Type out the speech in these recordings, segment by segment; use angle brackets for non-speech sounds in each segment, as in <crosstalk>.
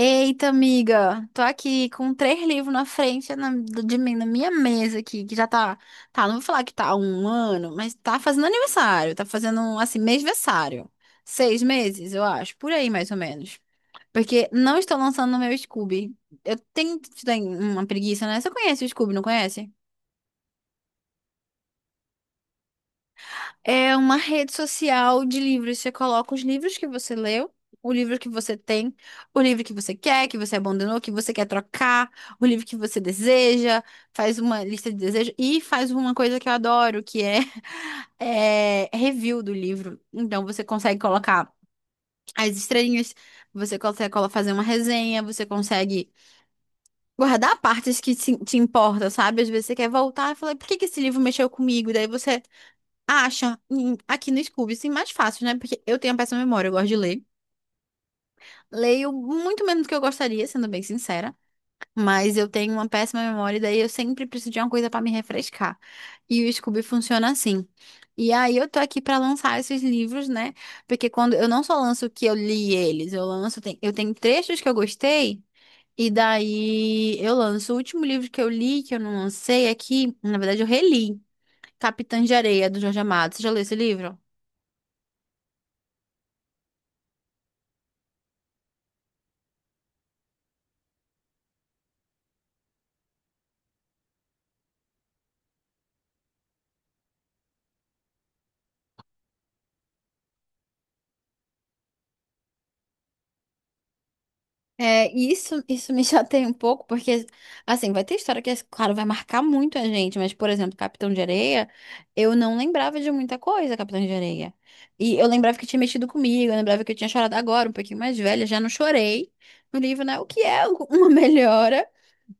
Eita, amiga, tô aqui com três livros na frente de mim, na minha mesa aqui, que já tá, não vou falar que tá há 1 ano, mas tá fazendo aniversário, tá fazendo, assim, mêsversário. 6 meses, eu acho, por aí mais ou menos. Porque não estou lançando no meu Scoob. Eu tenho uma preguiça, né? Você conhece o Scoob, não conhece? É uma rede social de livros. Você coloca os livros que você leu, o livro que você tem, o livro que você quer, que você abandonou, que você quer trocar, o livro que você deseja, faz uma lista de desejos e faz uma coisa que eu adoro, que é, <laughs> é review do livro. Então você consegue colocar as estrelinhas, você consegue fazer uma resenha, você consegue guardar partes que te importam, sabe? Às vezes você quer voltar e falar, por que que esse livro mexeu comigo? Daí você acha, aqui no Scoob, sim mais fácil, né? Porque eu tenho a péssima memória, eu gosto de ler. Leio muito menos do que eu gostaria, sendo bem sincera. Mas eu tenho uma péssima memória, e daí eu sempre preciso de uma coisa pra me refrescar. E o Scoob funciona assim. E aí eu tô aqui pra lançar esses livros, né? Porque quando eu não só lanço que eu li eles, eu lanço, eu tenho trechos que eu gostei. E daí eu lanço o último livro que eu li, que eu não lancei aqui, na verdade eu reli, Capitã de Areia, do Jorge Amado. Você já leu esse livro? É, e isso me <laughs> chateia um pouco, porque, assim, vai ter história que, claro, vai marcar muito a gente, mas, por exemplo, Capitão de Areia, eu não lembrava de muita coisa, Capitão de Areia. E eu lembrava que tinha mexido comigo, eu lembrava que eu tinha chorado agora, um pouquinho mais velha, já não chorei no livro, né? O que é <laughs> uma melhora.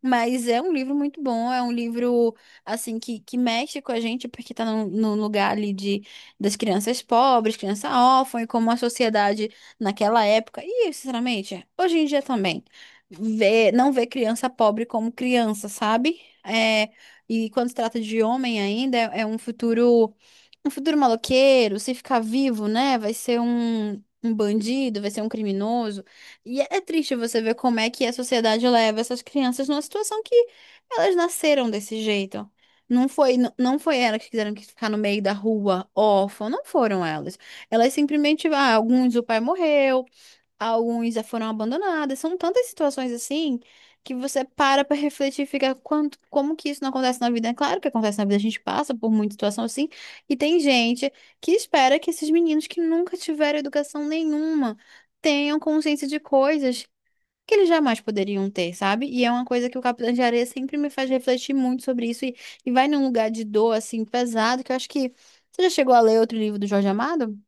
Mas é um livro muito bom, é um livro assim que mexe com a gente, porque tá num lugar ali de, das crianças pobres, criança órfã, e como a sociedade naquela época, e sinceramente, hoje em dia também, vê, não vê criança pobre como criança, sabe? É, e quando se trata de homem ainda, é um futuro maloqueiro, se ficar vivo, né? Vai ser um bandido, vai ser um criminoso. E é triste você ver como é que a sociedade leva essas crianças numa situação que elas nasceram desse jeito. Não foi, não foi elas que quiseram que ficar no meio da rua, órfã, não foram elas. Elas simplesmente, ah, alguns o pai morreu, alguns já foram abandonados. São tantas situações assim que você para pra refletir e fica quanto, como que isso não acontece na vida? É claro que acontece na vida, a gente passa por muita situação assim. E tem gente que espera que esses meninos que nunca tiveram educação nenhuma tenham consciência de coisas que eles jamais poderiam ter, sabe? E é uma coisa que o Capitão de Areia sempre me faz refletir muito sobre isso e vai num lugar de dor assim pesado que eu acho que você já chegou a ler outro livro do Jorge Amado?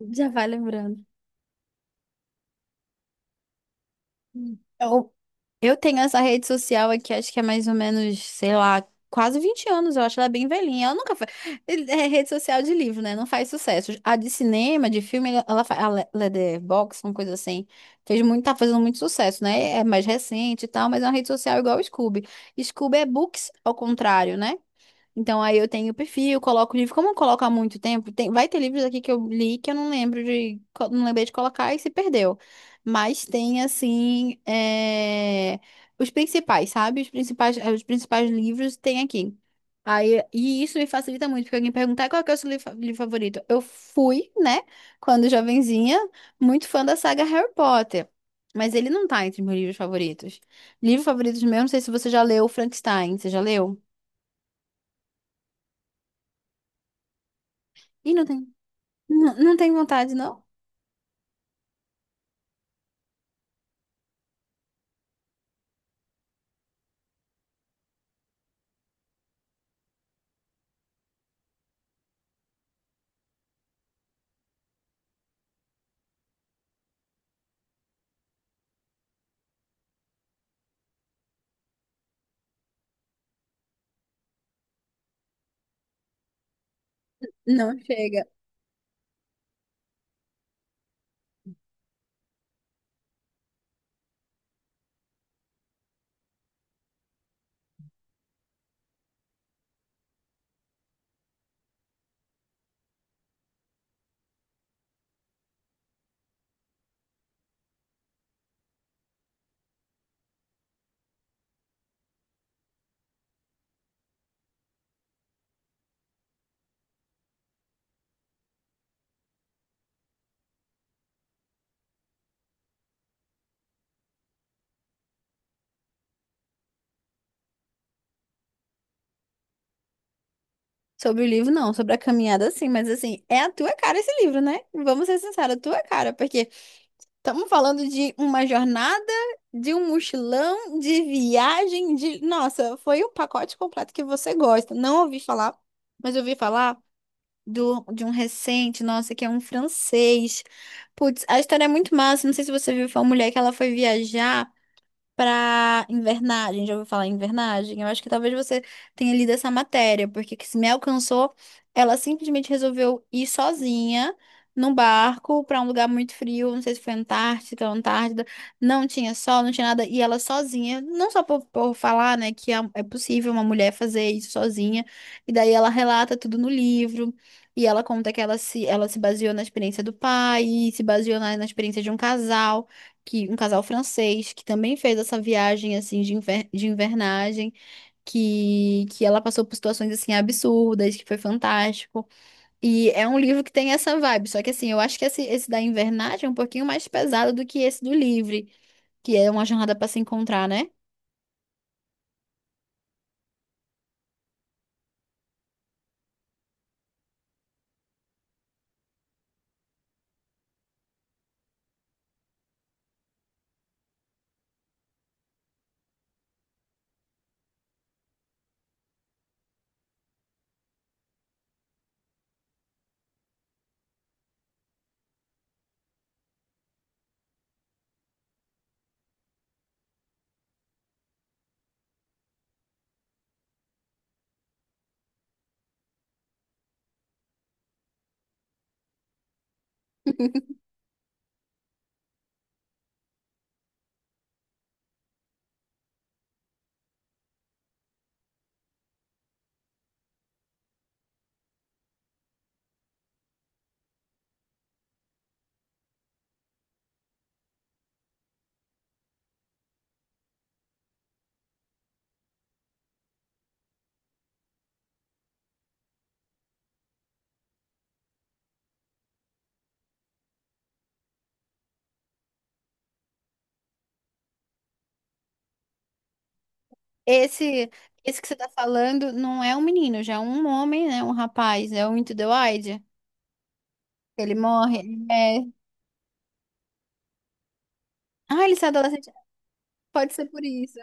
Já vai lembrando. Hum. Eu tenho essa rede social aqui, acho que é mais ou menos, sei lá, quase 20 anos, eu acho ela bem velhinha. Ela nunca foi. É rede social de livro, né? Não faz sucesso. A de cinema, de filme, ela faz. A Letterboxd, uma coisa assim. Fez muito, tá fazendo muito sucesso, né? É mais recente e tal, mas é uma rede social igual o Scoob. Scoob é books, ao contrário, né? Então aí eu tenho o perfil, coloco o livro. Como eu coloco há muito tempo, tem, vai ter livros aqui que eu li que eu não lembro de, não lembrei de colocar e se perdeu. Mas tem assim, é, os principais, sabe? Os principais, os principais livros tem aqui. Aí, e isso me facilita muito, porque alguém perguntar qual que é o seu livro livro favorito. Eu fui, né, quando jovenzinha, muito fã da saga Harry Potter. Mas ele não tá entre meus livros favoritos. Livro favorito meu, não sei se você já leu Frankenstein. Você já leu? Ih, não tem. Não, não tem vontade, não? Não chega. Sobre o livro, não. Sobre a caminhada, sim. Mas, assim, é a tua cara esse livro, né? Vamos ser sinceros, a tua cara. Porque estamos falando de uma jornada, de um mochilão, de viagem, de... Nossa, foi o pacote completo que você gosta. Não ouvi falar, mas ouvi falar do, de um recente, nossa, que é um francês. Putz, a história é muito massa. Não sei se você viu, foi uma mulher que ela foi viajar para invernagem. Já ouviu falar em invernagem? Eu acho que talvez você tenha lido essa matéria, porque que se me alcançou, ela simplesmente resolveu ir sozinha num barco para um lugar muito frio, não sei se foi Antártica ou Antártida, não tinha sol, não tinha nada, e ela sozinha, não só por falar, né, que é possível uma mulher fazer isso sozinha, e daí ela relata tudo no livro. E ela conta que ela se baseou na experiência do pai, e se baseou na, na experiência de um casal que um casal francês que também fez essa viagem assim de, de invernagem, que ela passou por situações assim absurdas, que foi fantástico. E é um livro que tem essa vibe, só que assim, eu acho que esse da invernagem é um pouquinho mais pesado do que esse do livre, que é uma jornada para se encontrar, né? <laughs> Esse esse que você tá falando não é um menino, já é um homem, né, um rapaz, é o Into the Wild. Ele morre, ele é. Ah, ele é adolescente. Pode ser por isso.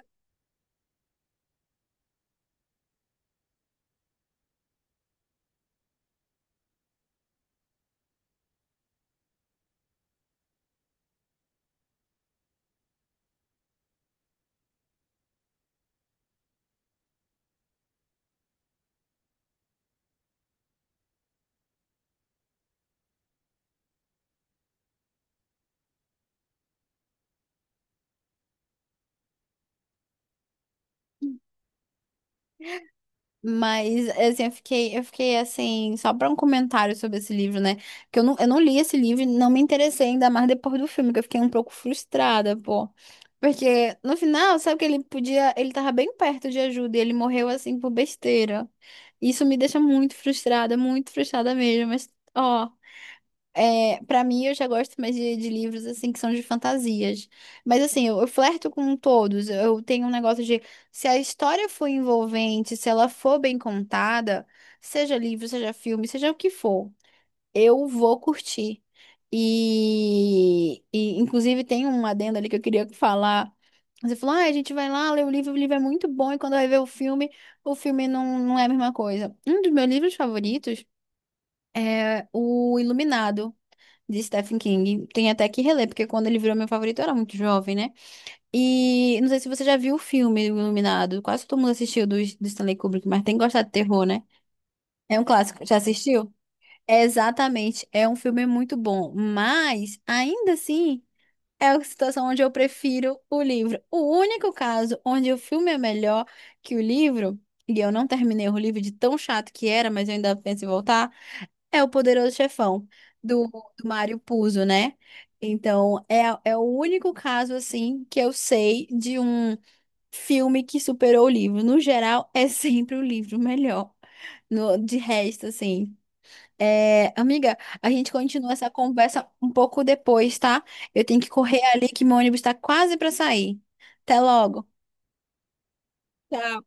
Mas, assim, eu fiquei assim, só para um comentário sobre esse livro, né? Que eu não li esse livro e não me interessei ainda mais depois do filme, que eu fiquei um pouco frustrada, pô. Porque no final, sabe que ele podia, ele tava bem perto de ajuda e ele morreu assim por besteira. Isso me deixa muito frustrada mesmo. Mas, ó. É, para mim, eu já gosto mais de livros assim que são de fantasias. Mas assim, eu flerto com todos. Eu tenho um negócio de se a história for envolvente, se ela for bem contada, seja livro, seja filme, seja o que for, eu vou curtir. E inclusive tem um adendo ali que eu queria falar. Você falou, ah, a gente vai lá ler o livro é muito bom, e quando vai ver o filme não é a mesma coisa. Um dos meus livros favoritos. É o Iluminado, de Stephen King. Tem até que reler, porque quando ele virou meu favorito eu era muito jovem, né? E não sei se você já viu o filme O Iluminado. Quase todo mundo assistiu do Stanley Kubrick, mas tem que gostar de terror, né? É um clássico. Já assistiu? É, exatamente. É um filme muito bom. Mas, ainda assim, é a situação onde eu prefiro o livro. O único caso onde o filme é melhor que o livro, e eu não terminei o livro de tão chato que era, mas eu ainda penso em voltar. É o poderoso chefão do, do Mário Puzo, né? Então, é, é o único caso, assim, que eu sei de um filme que superou o livro. No geral, é <laughs> sempre o livro melhor. No, de resto, assim. É, amiga, a gente continua essa conversa um pouco depois, tá? Eu tenho que correr ali que meu ônibus tá quase pra sair. Até logo. Tchau.